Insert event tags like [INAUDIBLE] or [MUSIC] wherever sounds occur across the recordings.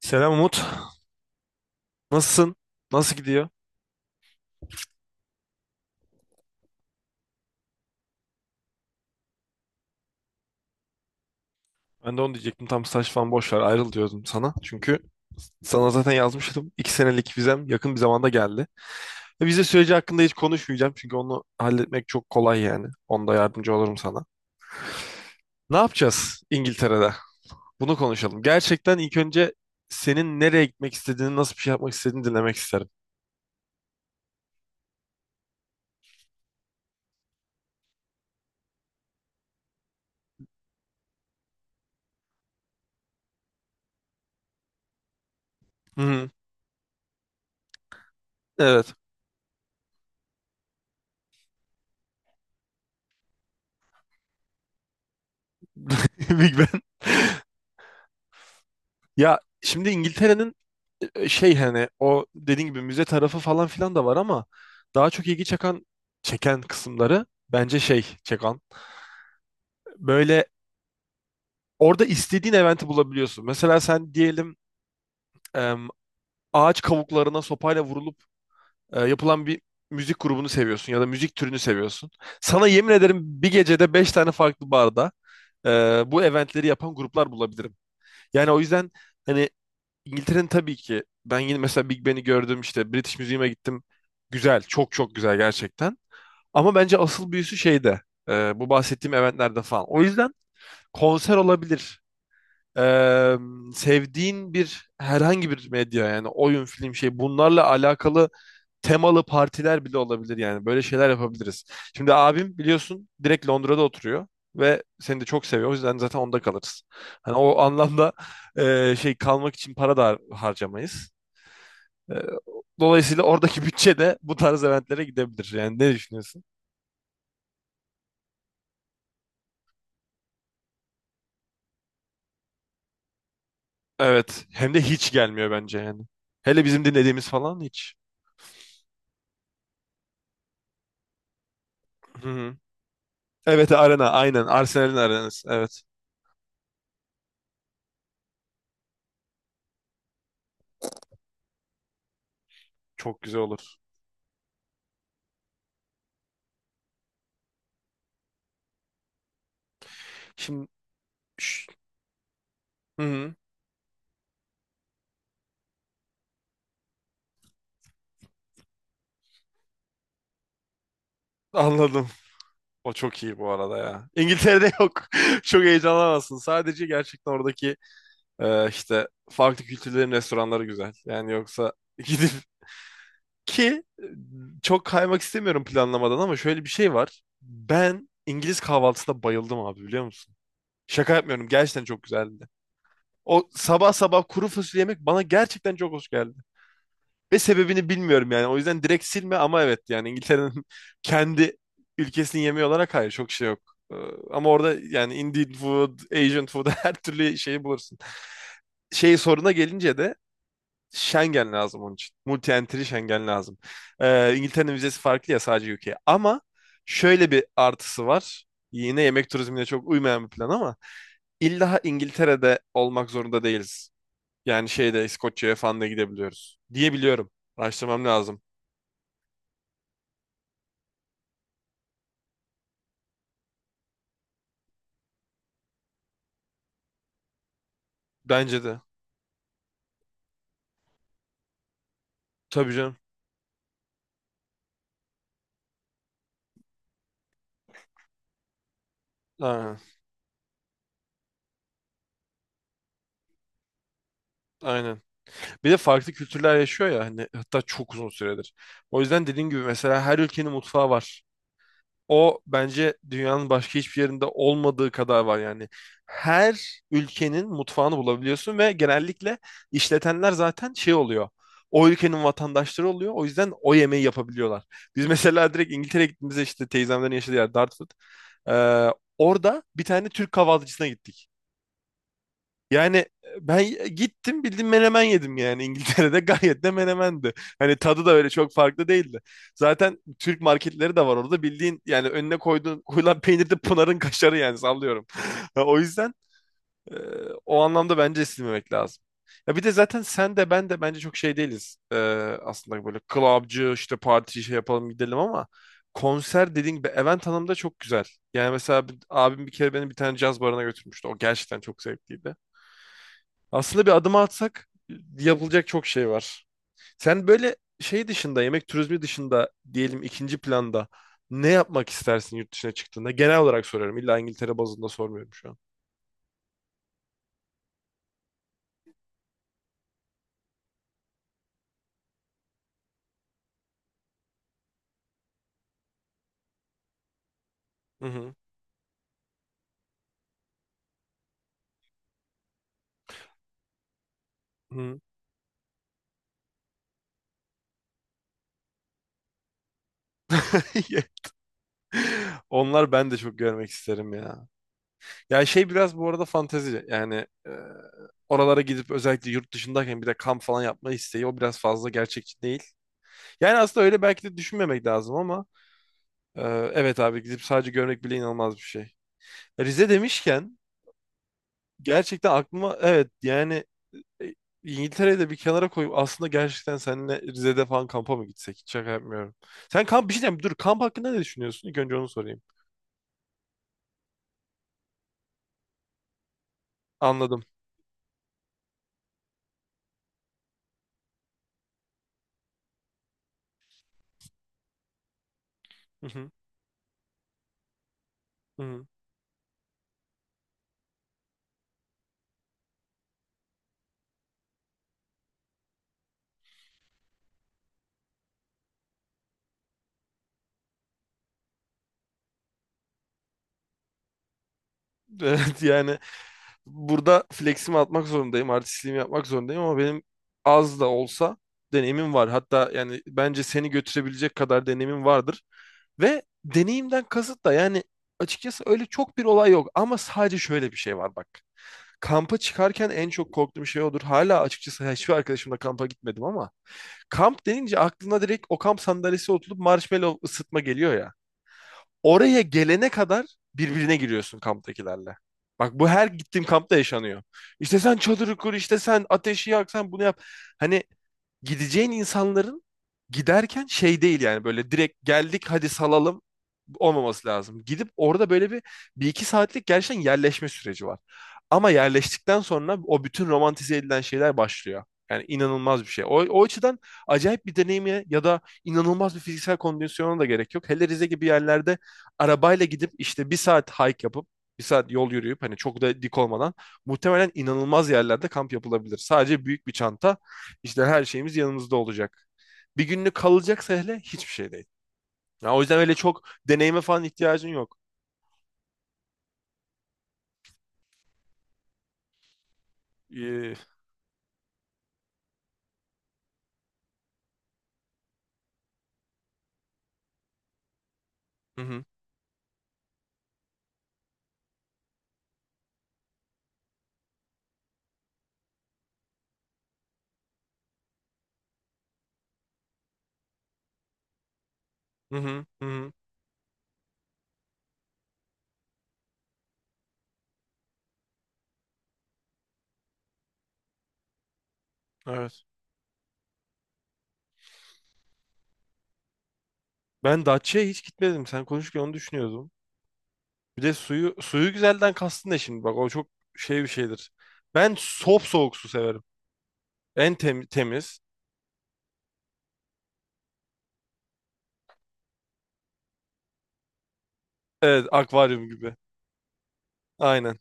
Selam Umut. Nasılsın? Nasıl gidiyor? Ben de onu diyecektim. Tam staj falan boş ver ayrıl diyordum sana. Çünkü sana zaten yazmıştım. İki senelik vizem yakın bir zamanda geldi. Ve vize süreci hakkında hiç konuşmayacağım. Çünkü onu halletmek çok kolay yani. Onda yardımcı olurum sana. Ne yapacağız İngiltere'de? Bunu konuşalım. Gerçekten ilk önce senin nereye gitmek istediğini, nasıl bir şey yapmak istediğini dinlemek isterim. Hı hı. Evet. [LAUGHS] Big. Ya şimdi İngiltere'nin şey, hani o dediğin gibi müze tarafı falan filan da var ama daha çok ilgi çeken kısımları, bence şey çeken, böyle, orada istediğin eventi bulabiliyorsun. Mesela sen diyelim, em, ağaç kavuklarına sopayla vurulup yapılan bir müzik grubunu seviyorsun ya da müzik türünü seviyorsun. Sana yemin ederim bir gecede 5 tane farklı barda e, bu eventleri yapan gruplar bulabilirim. Yani o yüzden hani, İngiltere'nin tabii ki, ben yine mesela Big Ben'i gördüm, işte British Museum'a gittim. Güzel, çok çok güzel gerçekten. Ama bence asıl büyüsü şeyde. Bu bahsettiğim eventlerde falan. O yüzden konser olabilir. E, Sevdiğin bir, herhangi bir medya, yani oyun, film, şey, bunlarla alakalı temalı partiler bile olabilir yani. Böyle şeyler yapabiliriz. Şimdi abim biliyorsun direkt Londra'da oturuyor ve seni de çok seviyor. O yüzden zaten onda kalırız. Hani o anlamda şey, kalmak için para da harcamayız. Ee, Dolayısıyla oradaki bütçe de bu tarz eventlere gidebilir. Yani ne düşünüyorsun? Evet. Hem de hiç gelmiyor bence yani. Hele bizim dinlediğimiz falan hiç. Hı hı. Evet, arena aynen. Arsenal'in arenası. Evet. Çok güzel olur. Şimdi. Şş, hı hı. Anladım. O çok iyi bu arada ya. İngiltere'de yok. [LAUGHS] Çok heyecanlanamazsın. Sadece gerçekten oradaki işte farklı kültürlerin restoranları güzel. Yani yoksa [LAUGHS] gidip, ki çok kaymak istemiyorum planlamadan, ama şöyle bir şey var. Ben İngiliz kahvaltısına bayıldım abi, biliyor musun? Şaka yapmıyorum, gerçekten çok güzeldi. O sabah sabah kuru fasulye yemek bana gerçekten çok hoş geldi. Ve sebebini bilmiyorum yani. O yüzden direkt silme, ama evet, yani İngiltere'nin [LAUGHS] kendi ülkesinin yemeği olarak hayır, çok şey yok. Ee, Ama orada yani Indian food, Asian food, [LAUGHS] her türlü şeyi bulursun. Şey, soruna gelince de Schengen lazım onun için. Multi-entry Schengen lazım. İngiltere'nin vizesi farklı ya, sadece ülkeye. Ama şöyle bir artısı var. Yine yemek turizmine çok uymayan bir plan ama illa İngiltere'de olmak zorunda değiliz. Yani şeyde, İskoçya'ya falan da gidebiliyoruz diye biliyorum. Araştırmam lazım. Bence de. Tabii canım. Aynen. Aynen. Bir de farklı kültürler yaşıyor ya hani, hatta çok uzun süredir. O yüzden dediğin gibi mesela her ülkenin mutfağı var. O bence dünyanın başka hiçbir yerinde olmadığı kadar var yani. Her ülkenin mutfağını bulabiliyorsun ve genellikle işletenler zaten şey oluyor. O ülkenin vatandaşları oluyor. O yüzden o yemeği yapabiliyorlar. Biz mesela direkt İngiltere'ye gittiğimizde, işte teyzemlerin yaşadığı yer Dartford. Ee, orada bir tane Türk kahvaltıcısına gittik. Yani ben gittim, bildiğin menemen yedim, yani İngiltere'de [LAUGHS] gayet de menemendi. Hani tadı da öyle çok farklı değildi. Zaten Türk marketleri de var orada, bildiğin, yani önüne koyduğun [LAUGHS] koyulan peynir de Pınar'ın kaşarı yani, sallıyorum. [LAUGHS] O yüzden e, o anlamda bence silmemek lazım. Ya bir de zaten sen de, ben de bence çok şey değiliz. Aslında böyle clubcı, işte parti şey yapalım gidelim, ama konser dediğin gibi, event hanım da çok güzel. Yani mesela abim bir kere beni bir tane caz barına götürmüştü. O gerçekten çok zevkliydi. Aslında bir adım atsak yapılacak çok şey var. Sen böyle şey dışında, yemek turizmi dışında diyelim, ikinci planda ne yapmak istersin yurt dışına çıktığında? Genel olarak soruyorum. İlla İngiltere bazında sormuyorum şu an. Hı hı. Hı. [LAUGHS] Onlar ben de çok görmek isterim ya. Ya şey, biraz bu arada fantezi. Yani e, oralara gidip, özellikle yurt dışındayken bir de kamp falan yapma isteği, o biraz fazla gerçekçi değil. Yani aslında öyle belki de düşünmemek lazım, ama e, evet abi, gidip sadece görmek bile inanılmaz bir şey. Rize demişken gerçekten aklıma evet yani e, İngiltere'yi de bir kenara koyup aslında gerçekten seninle Rize'de falan kampa mı gitsek? Hiç şaka yapmıyorum. Sen kamp, bir şey diyeyim, dur, kamp hakkında ne düşünüyorsun? İlk önce onu sorayım. Anladım. Hı hı, hı hı. [LAUGHS] Evet yani, burada fleximi atmak zorundayım, artistliğimi yapmak zorundayım ama benim az da olsa deneyimim var. Hatta yani bence seni götürebilecek kadar deneyimim vardır. Ve deneyimden kasıt da yani, açıkçası öyle çok bir olay yok ama sadece şöyle bir şey var bak. Kampa çıkarken en çok korktuğum şey odur. Hala açıkçası hiçbir arkadaşımla kampa gitmedim ama kamp denince aklına direkt o kamp sandalyesi oturup marshmallow ısıtma geliyor ya. Oraya gelene kadar birbirine giriyorsun kamptakilerle. Bak bu her gittiğim kampta yaşanıyor. İşte sen çadırı kur, işte sen ateşi yak, sen bunu yap. Hani gideceğin insanların giderken şey değil, yani böyle direkt geldik hadi salalım olmaması lazım. Gidip orada böyle bir, bir iki saatlik gerçekten yerleşme süreci var. Ama yerleştikten sonra o bütün romantize edilen şeyler başlıyor. Yani inanılmaz bir şey. O, o açıdan acayip bir deneyime ya da inanılmaz bir fiziksel kondisyona da gerek yok. Hele Rize gibi yerlerde arabayla gidip işte bir saat hike yapıp bir saat yol yürüyüp, hani çok da dik olmadan muhtemelen inanılmaz yerlerde kamp yapılabilir. Sadece büyük bir çanta, işte her şeyimiz yanımızda olacak. Bir günlük kalacaksa hele hiçbir şey değil. Ya o yüzden öyle çok deneyime falan ihtiyacın yok. Ee, hı hı, hı hı, hı hı. Evet. Ben Datça'ya hiç gitmedim. Sen konuşurken onu düşünüyordum. Bir de suyu, suyu güzelden kastın ne şimdi? Bak o çok şey bir şeydir. Ben sop soğuk su severim. En temiz. Evet, akvaryum gibi. Aynen.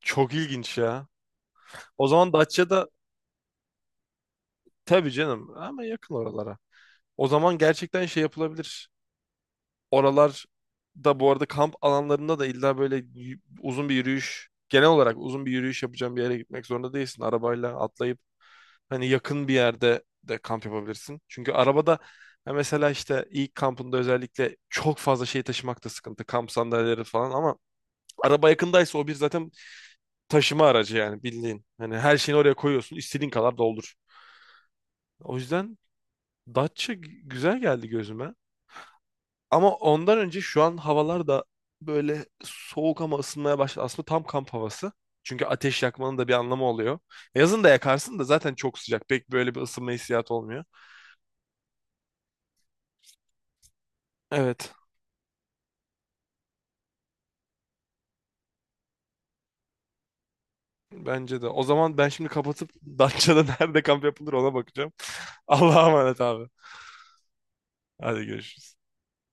Çok ilginç ya. O zaman Datça'da, tabii canım ama yakın oralara. O zaman gerçekten şey yapılabilir. Oralar da bu arada, kamp alanlarında da illa böyle uzun bir yürüyüş, genel olarak uzun bir yürüyüş yapacağım bir yere gitmek zorunda değilsin. Arabayla atlayıp hani yakın bir yerde de kamp yapabilirsin. Çünkü arabada ha, mesela işte ilk kampında özellikle çok fazla şey taşımak da sıkıntı. Kamp sandalyeleri falan, ama araba yakındaysa o bir zaten taşıma aracı yani, bildiğin. Hani her şeyini oraya koyuyorsun, istediğin kadar doldur. O yüzden Datça güzel geldi gözüme. Ama ondan önce şu an havalar da böyle soğuk ama ısınmaya başladı. Aslında tam kamp havası. Çünkü ateş yakmanın da bir anlamı oluyor. Yazın da yakarsın da zaten çok sıcak. Pek böyle bir ısınma hissiyatı olmuyor. Evet. Bence de. O zaman ben şimdi kapatıp Datça'da [LAUGHS] nerede kamp yapılır ona bakacağım. [LAUGHS] Allah'a emanet abi. Hadi görüşürüz.